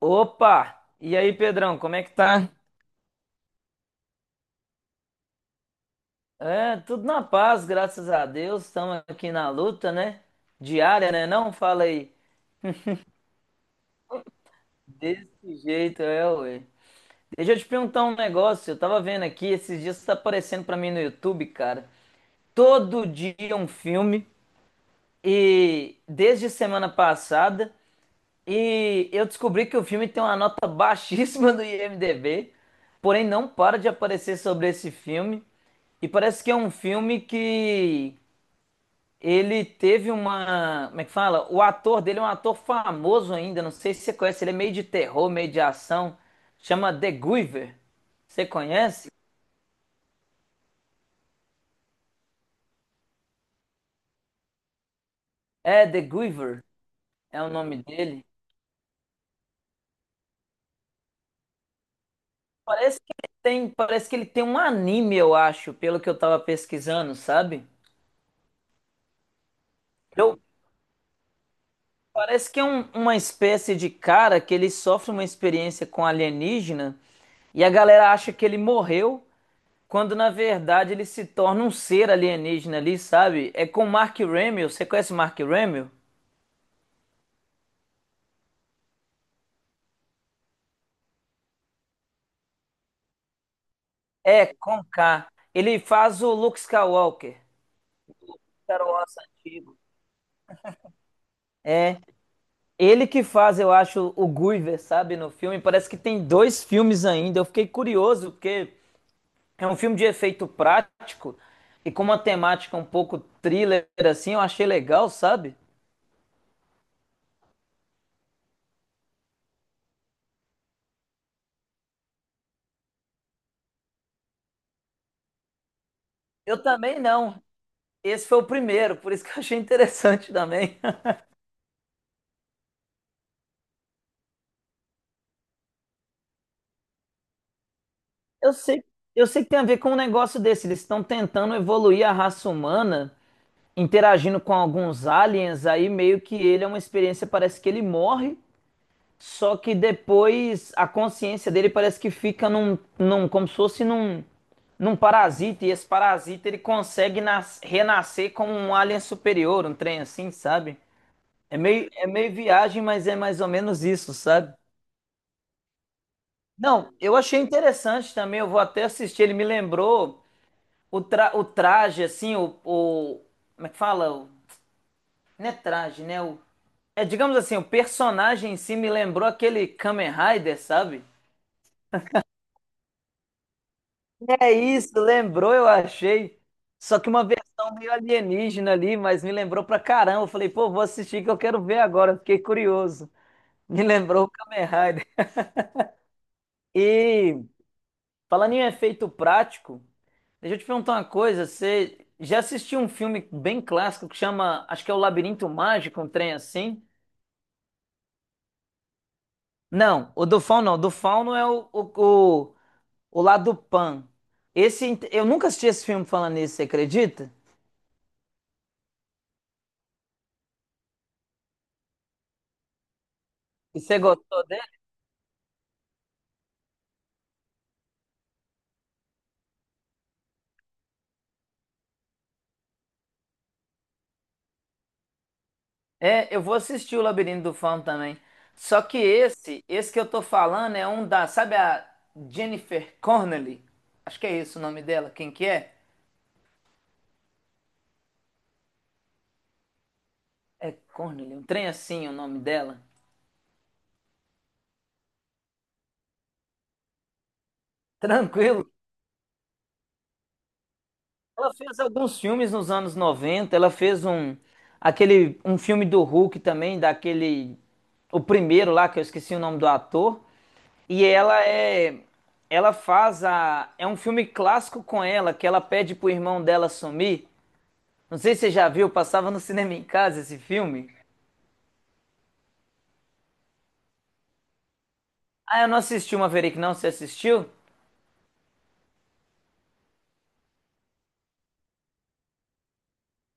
Opa! E aí, Pedrão, como é que tá? É, tudo na paz, graças a Deus. Estamos aqui na luta, né? Diária, né? Não fala aí. Desse jeito, é, ué. Deixa eu te perguntar um negócio. Eu tava vendo aqui, esses dias tá aparecendo pra mim no YouTube, cara. Todo dia um filme. E desde semana passada. E eu descobri que o filme tem uma nota baixíssima do IMDb, porém não para de aparecer sobre esse filme. E parece que é um filme que ele teve uma. Como é que fala? O ator dele é um ator famoso ainda, não sei se você conhece, ele é meio de terror, meio de ação. Chama The Guiver. Você conhece? É, The Guiver é o nome dele. Parece que ele tem um anime, eu acho, pelo que eu tava pesquisando, sabe? Eu Parece que é uma espécie de cara que ele sofre uma experiência com alienígena e a galera acha que ele morreu, quando na verdade ele se torna um ser alienígena ali, sabe? É com Mark Hamill, você conhece Mark Hamill? É, com K. Ele faz o Luke Skywalker, Star Wars antigo. É, ele que faz, eu acho, o Guyver, sabe, no filme. Parece que tem dois filmes ainda. Eu fiquei curioso, porque é um filme de efeito prático e com uma temática um pouco thriller, assim, eu achei legal, sabe? Eu também não. Esse foi o primeiro, por isso que eu achei interessante também. Eu sei, eu sei que tem a ver com um negócio desse. Eles estão tentando evoluir a raça humana, interagindo com alguns aliens, aí meio que ele é uma experiência, parece que ele morre. Só que depois a consciência dele parece que fica como se fosse num parasita, e esse parasita ele consegue renascer como um alien superior, um trem assim, sabe? É meio viagem, mas é mais ou menos isso, sabe? Não, eu achei interessante também, eu vou até assistir, ele me lembrou o traje, assim, como é que fala? Não é traje, né? Digamos assim, o personagem em si me lembrou aquele Kamen Rider, sabe? É isso, lembrou, eu achei. Só que uma versão meio alienígena ali, mas me lembrou pra caramba. Eu falei, pô, vou assistir que eu quero ver agora. Fiquei curioso. Me lembrou o Kamen Rider. E falando em efeito prático, deixa eu te perguntar uma coisa. Você já assistiu um filme bem clássico que chama, acho que é O Labirinto Mágico, um trem assim? Não, o do Fauno não. O do Fauno é o lá do Pan. Esse, eu nunca assisti esse filme falando nisso, você acredita? E você gostou? É, eu vou assistir o Labirinto do Fauno também. Só que esse que eu tô falando é um da, sabe a Jennifer Connelly? Acho que é esse o nome dela. Quem que é? É Connelly, um trem assim o nome dela. Tranquilo. Ela fez alguns filmes nos anos 90. Ela fez um aquele um filme do Hulk também, daquele o primeiro lá que eu esqueci o nome do ator, e ela é ela faz a é um filme clássico com ela que ela pede pro irmão dela sumir. Não sei se você já viu, passava no cinema em casa esse filme. Ah, eu não assisti uma Verei não, você assistiu?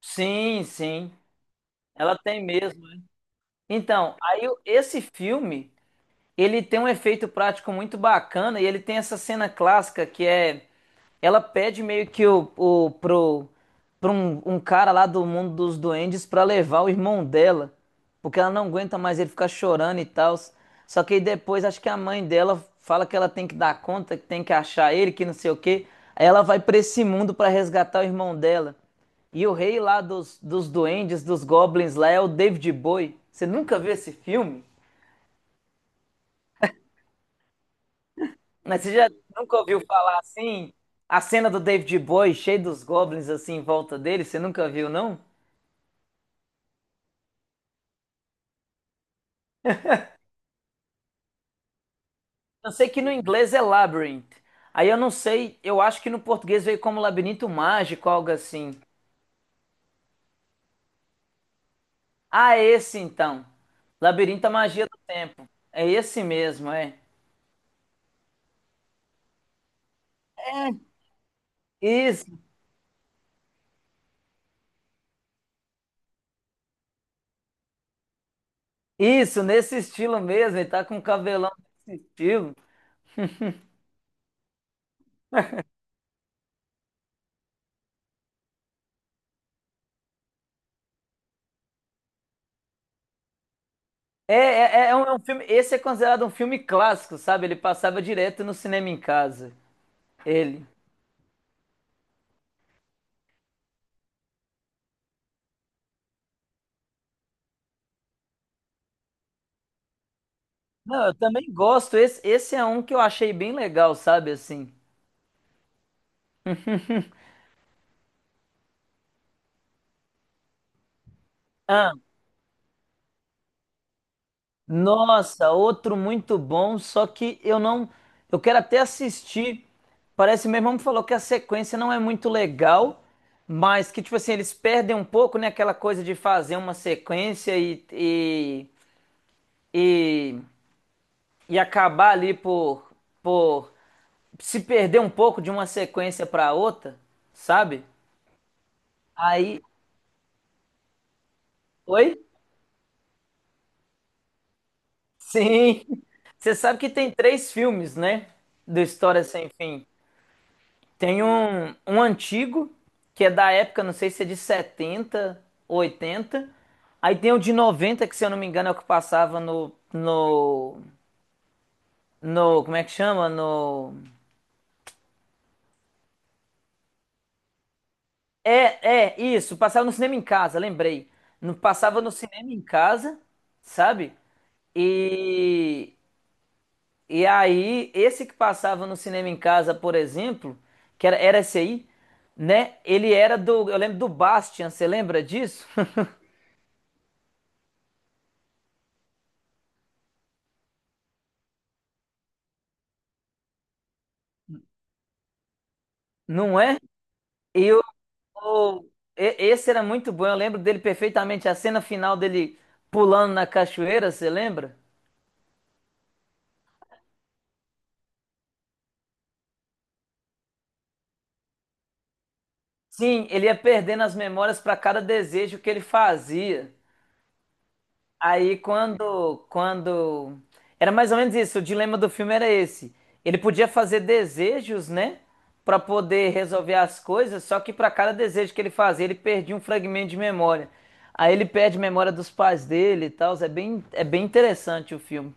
Sim, sim. Ela tem mesmo. Então, aí o- esse filme, ele tem um efeito prático muito bacana e ele tem essa cena clássica que é ela pede meio que pro um cara lá do mundo dos duendes pra levar o irmão dela, porque ela não aguenta mais ele ficar chorando e tal. Só que aí depois acho que a mãe dela fala que ela tem que dar conta, que tem que achar ele, que não sei o quê. Aí ela vai pra esse mundo pra resgatar o irmão dela. E o rei lá dos duendes, dos goblins lá é o David Bowie. Você nunca viu esse filme? Mas você já nunca ouviu falar assim? A cena do David Bowie cheio dos goblins assim em volta dele, você nunca viu, não? Eu sei que no inglês é Labyrinth. Aí eu não sei, eu acho que no português veio como Labirinto Mágico, algo assim. Ah, é esse então. Labirinto é a Magia do Tempo. É esse mesmo, é. Isso, isso, nesse estilo mesmo. Ele tá com um cabelão nesse estilo. É é um filme. Esse é considerado um filme clássico, sabe? Ele passava direto no cinema em casa. Ele. Não, eu também gosto. Esse é um que eu achei bem legal, sabe, assim. Ah, nossa, outro muito bom, só que eu não. Eu quero até assistir. Parece, meu irmão me falou que a sequência não é muito legal, mas que, tipo assim, eles perdem um pouco, né? Aquela coisa de fazer uma sequência e, e acabar ali por se perder um pouco de uma sequência para outra, sabe? Aí. Oi? Sim. Você sabe que tem três filmes, né? Do História Sem Fim. Tem um antigo, que é da época, não sei se é de 70 80. Aí tem o de 90 que se eu não me engano é o que passava no. No. No como é que chama? No. É, é, isso. Passava no cinema em casa, lembrei. No, passava no cinema em casa, sabe? E E aí, esse que passava no cinema em casa, por exemplo, que era esse aí, né? Ele era do. Eu lembro do Bastian, você lembra disso? Não é? E o- esse era muito bom, eu lembro dele perfeitamente. A cena final dele pulando na cachoeira, você lembra? Sim, ele ia perdendo as memórias para cada desejo que ele fazia. Aí quando era mais ou menos isso, o dilema do filme era esse. Ele podia fazer desejos, né, pra poder resolver as coisas, só que pra cada desejo que ele fazia, ele perdia um fragmento de memória. Aí ele perde memória dos pais dele e tal, é bem interessante o filme.